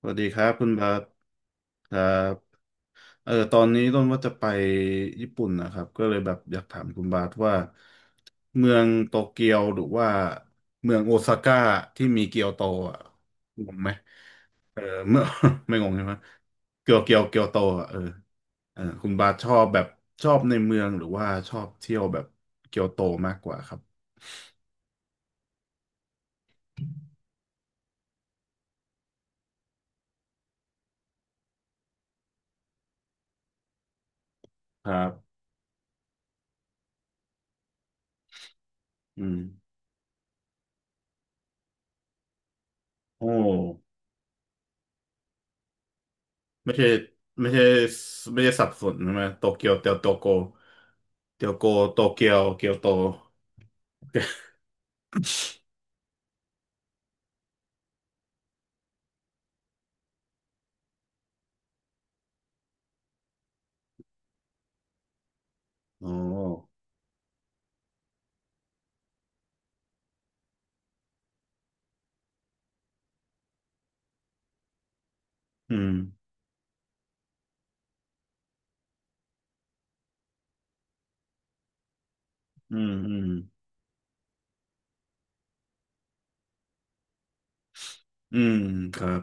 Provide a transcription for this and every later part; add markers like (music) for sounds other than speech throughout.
สวัสดีครับคุณบาสครับตอนนี้ต้นว่าจะไปญี่ปุ่นนะครับก็เลยแบบอยากถามคุณบาสว่าเมืองโตเกียวหรือว่าเมืองโอซาก้าที่มีเกียวโตอ่ะงงไหมเออเมื่อ (laughs) ไม่งงใช่ไหมเกียวโตอ่ะเออคุณบาสชอบแบบชอบในเมืองหรือว่าชอบเที่ยวแบบเกียวโตมากกว่าครับครับอืมโอ้ ไม่ใช่ไม่ใช่ไม่ใช่สับสนใช่ไหมโตเกียวเตียวโตโกเตียวโกโตเกียวเกียวโตอ๋ออืมอืมอืมอืมครับ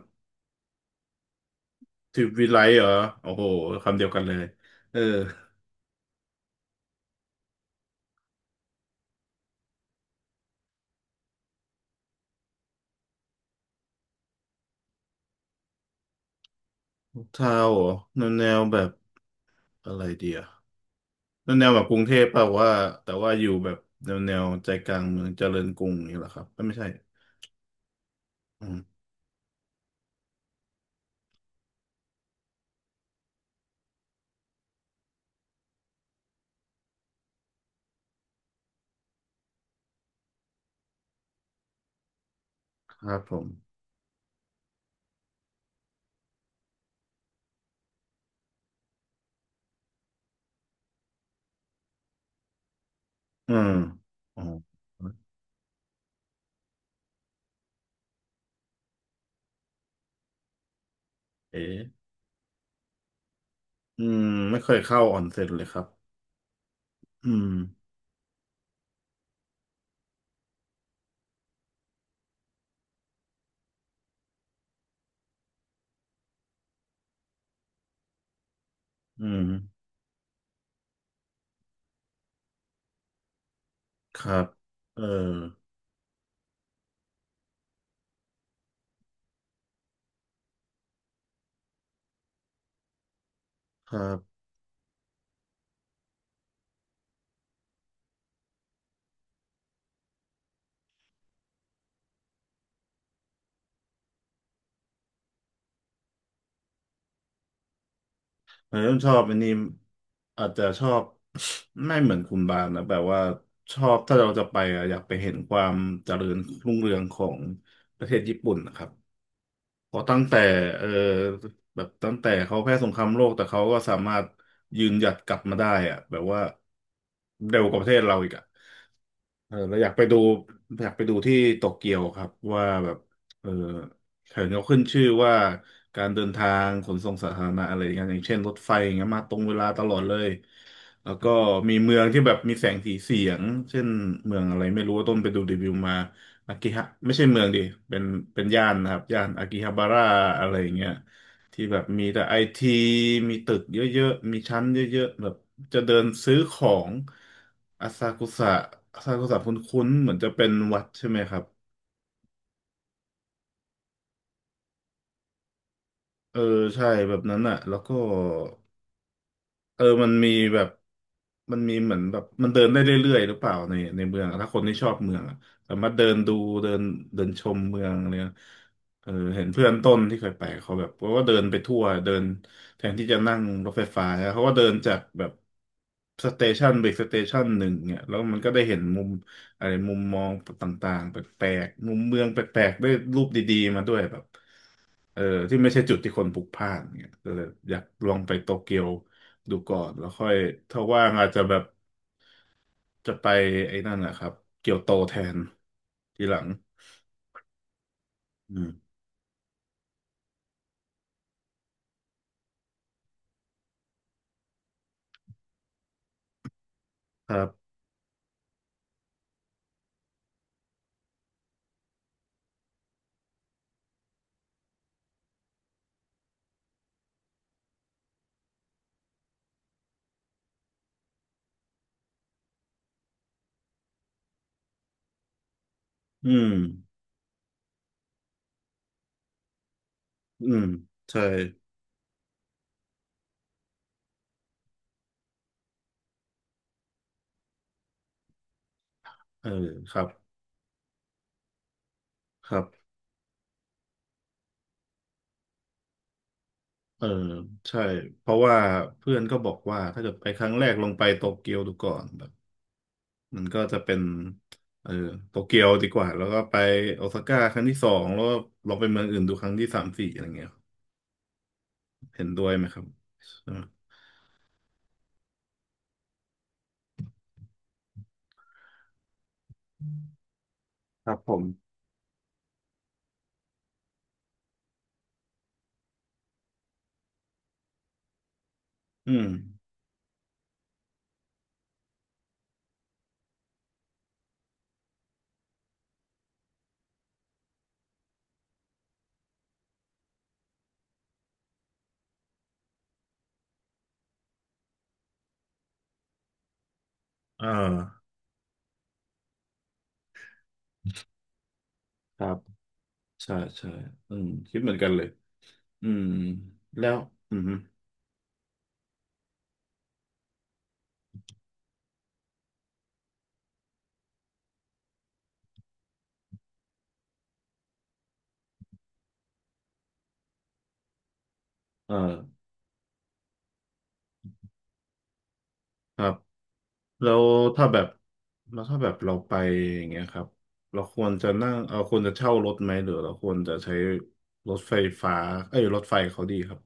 ทริปวิไลเหรอโอ้โหคำเดียวกันเลยเออเท่าเหรอแนวแบบอะไรดีอะแนวแบบกรุงเทพเปล่าว่าแต่ว่าอยู่แบบแนวใจกลางเมืองเจริญกรุงนี่แหรอครับเอ้ยไม่ใช่อืมครับผมอืมอ๋อเอ๊ะอืมไม่เคยเข้าออนเซ็นเลยครับอืม อืมครับเออครับแต่ผมชอบอันนี้อาจจะชอบ (sniffs) ไม่เหมือนคุณบานนะแบบว่าชอบถ้าเราจะไปอะอยากไปเห็นความเจริญรุ่งเรืองของประเทศญี่ปุ่นนะครับ พอตั้งแต่เออแบบตั้งแต่เขาแพ้สงครามโลกแต่เขาก็สามารถยืนหยัดกลับมาได้อะแบบว่าเร็วกว่าประเทศเราอีกอะเออเราอยากไปดูอยากไปดูที่โตเกียวครับว่าแบบเออเห็นเขาขึ้นชื่อว่าการเดินทางขนส่งสาธารณะอะไรอย่างเงี้ยอย่างเช่นรถไฟอย่างเงี้ยมาตรงเวลาตลอดเลยแล้วก็มีเมืองที่แบบมีแสงสีเสียงเช่นเมืองอะไรไม่รู้ว่าต้นไปดูรีวิวมา อากิฮะไม่ใช่เมืองดิเป็นเป็นย่านนะครับย่านอากิฮาบาระอะไรอย่างเงี้ยที่แบบมีแต่ไอทีมีตึกเยอะๆมีชั้นเยอะๆแบบจะเดินซื้อของอาซากุสะอาซากุสะคุ้นๆเหมือนจะเป็นวัดใช่ไหมครับเออใช่แบบนั้นอ่ะแล้วก็ เออมันมีแบบมันมีเหมือนแบบมันเดินได้เรื่อยๆหรือเปล่าในเมืองอะถ้าคนที่ชอบเมืองอะสามารถเดินดูเดินเดินชมเมืองอะไรเนี่ยเออเห็นเพื่อนต้นที่เคยไปเขาแบบเขาก็เดินไปทั่วเดินแทนที่จะนั่งรถไฟฟ้าเขาก็เดินจากแบบสเตชันไปสเตชันหนึ่งเนี่ยแล้วมันก็ได้เห็นมุมอะไรมุมมองต่างๆแปลกๆมุมเมืองแปลกๆได้รูปดีๆมาด้วยแบบ เออที่ไม่ใช่จุดที่คนพลุกพล่านเนี่ยก็เลยอยากลองไปโตเกียวดูก่อนแล้วค่อยถ้าว่างอาจจะแบบจะไปไอ้นั่นนะครับเกียวโตแทนทีหลังอืมครับอืมอืมใช่เออครับครับเออใช่เพราะว่าเพื่อนก็บอกว่าถ้าเกิดไปครั้งแรกลองไปโตเกียวดูก่อนแบบมันก็จะเป็นเออโตเกียวดีกว่าแล้วก็ไปโอซาก้าครั้งที่สองแล้วก็ลองไปเมืองอื่นดูครั้งที่สามสี่อะไรเงี้ย เห็นด้วยไหมครับใช่ไหมครับผมอืมอ่าครับใช่ใช่อืมคิดเหมือนกันเลยอืมแล้วอืมฮึเออครับแล้วถ้าแบบแล้วถ้าแบบเราไปอย่างเงี้ยครับเราควรจะนั่งเราควรจะเช่ารถไหมหรือเราควรจะใช้รถไฟฟ้าเอ้ยรถไฟเขาดีครับ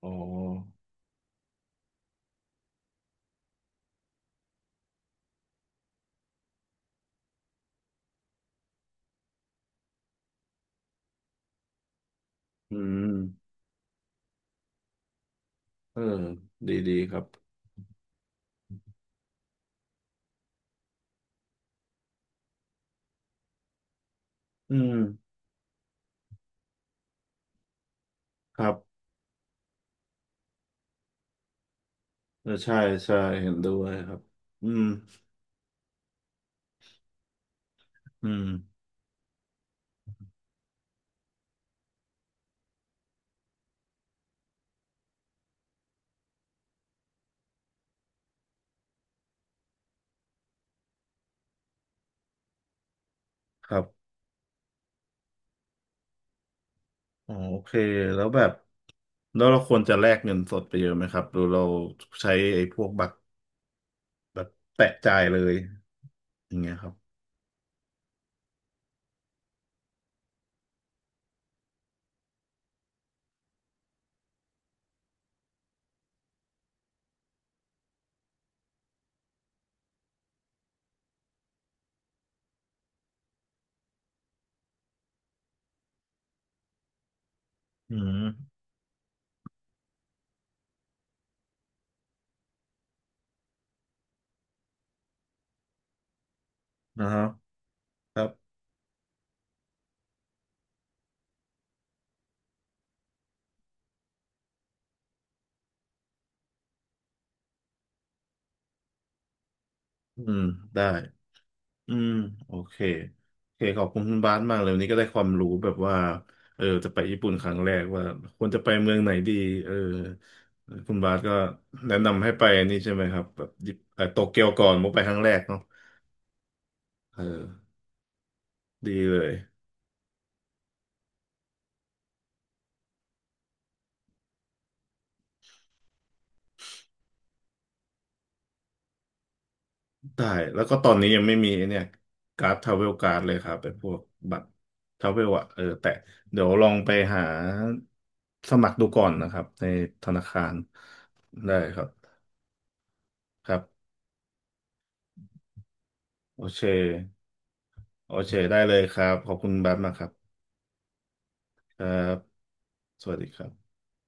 อ๋ออืมเออดีครับอืมครับเออใช่ใช่เห็นด้วยครับอืมอืมครับ อ๋อโอเคแล้วแบบแล้วเราควรจะแลกเงินสดไปเยอะไหมครับหรือเราใช้ไอ้พวกบัตรแบบแปะจ่ายเลยอย่างเงี้ยครับอืมนะฮะครับอืมได้อืมโอเคโอเคขอบคุณคุณบาสมากเลยวันนี้ก็ได้ความรู้แบบว่าเออจะไปญี่ปุ่นครั้งแรกว่าควรจะไปเมืองไหนดีเออคุณบาสก็แนะนำให้ไปนี่ใช่ไหมครับแบบญี่ปุ่นเอ่อโตเกียวก่อนมุกไปครั้งแรกเนาะเออดีเลย ได้แล้วก็ตอนนี้ยังไม่มีไอ้เนี่ยการ์ดทราเวลการ์ดเลยครับเป็นพวกบัตรทราเวลอะเออแต่เดี๋ยวลองไปหาสมัครดูก่อนนะครับในธนาคารได้ครับครับโอเคโอเคได้เลยครับขอบคุณบัตรมากครับครับสวัสดีครับ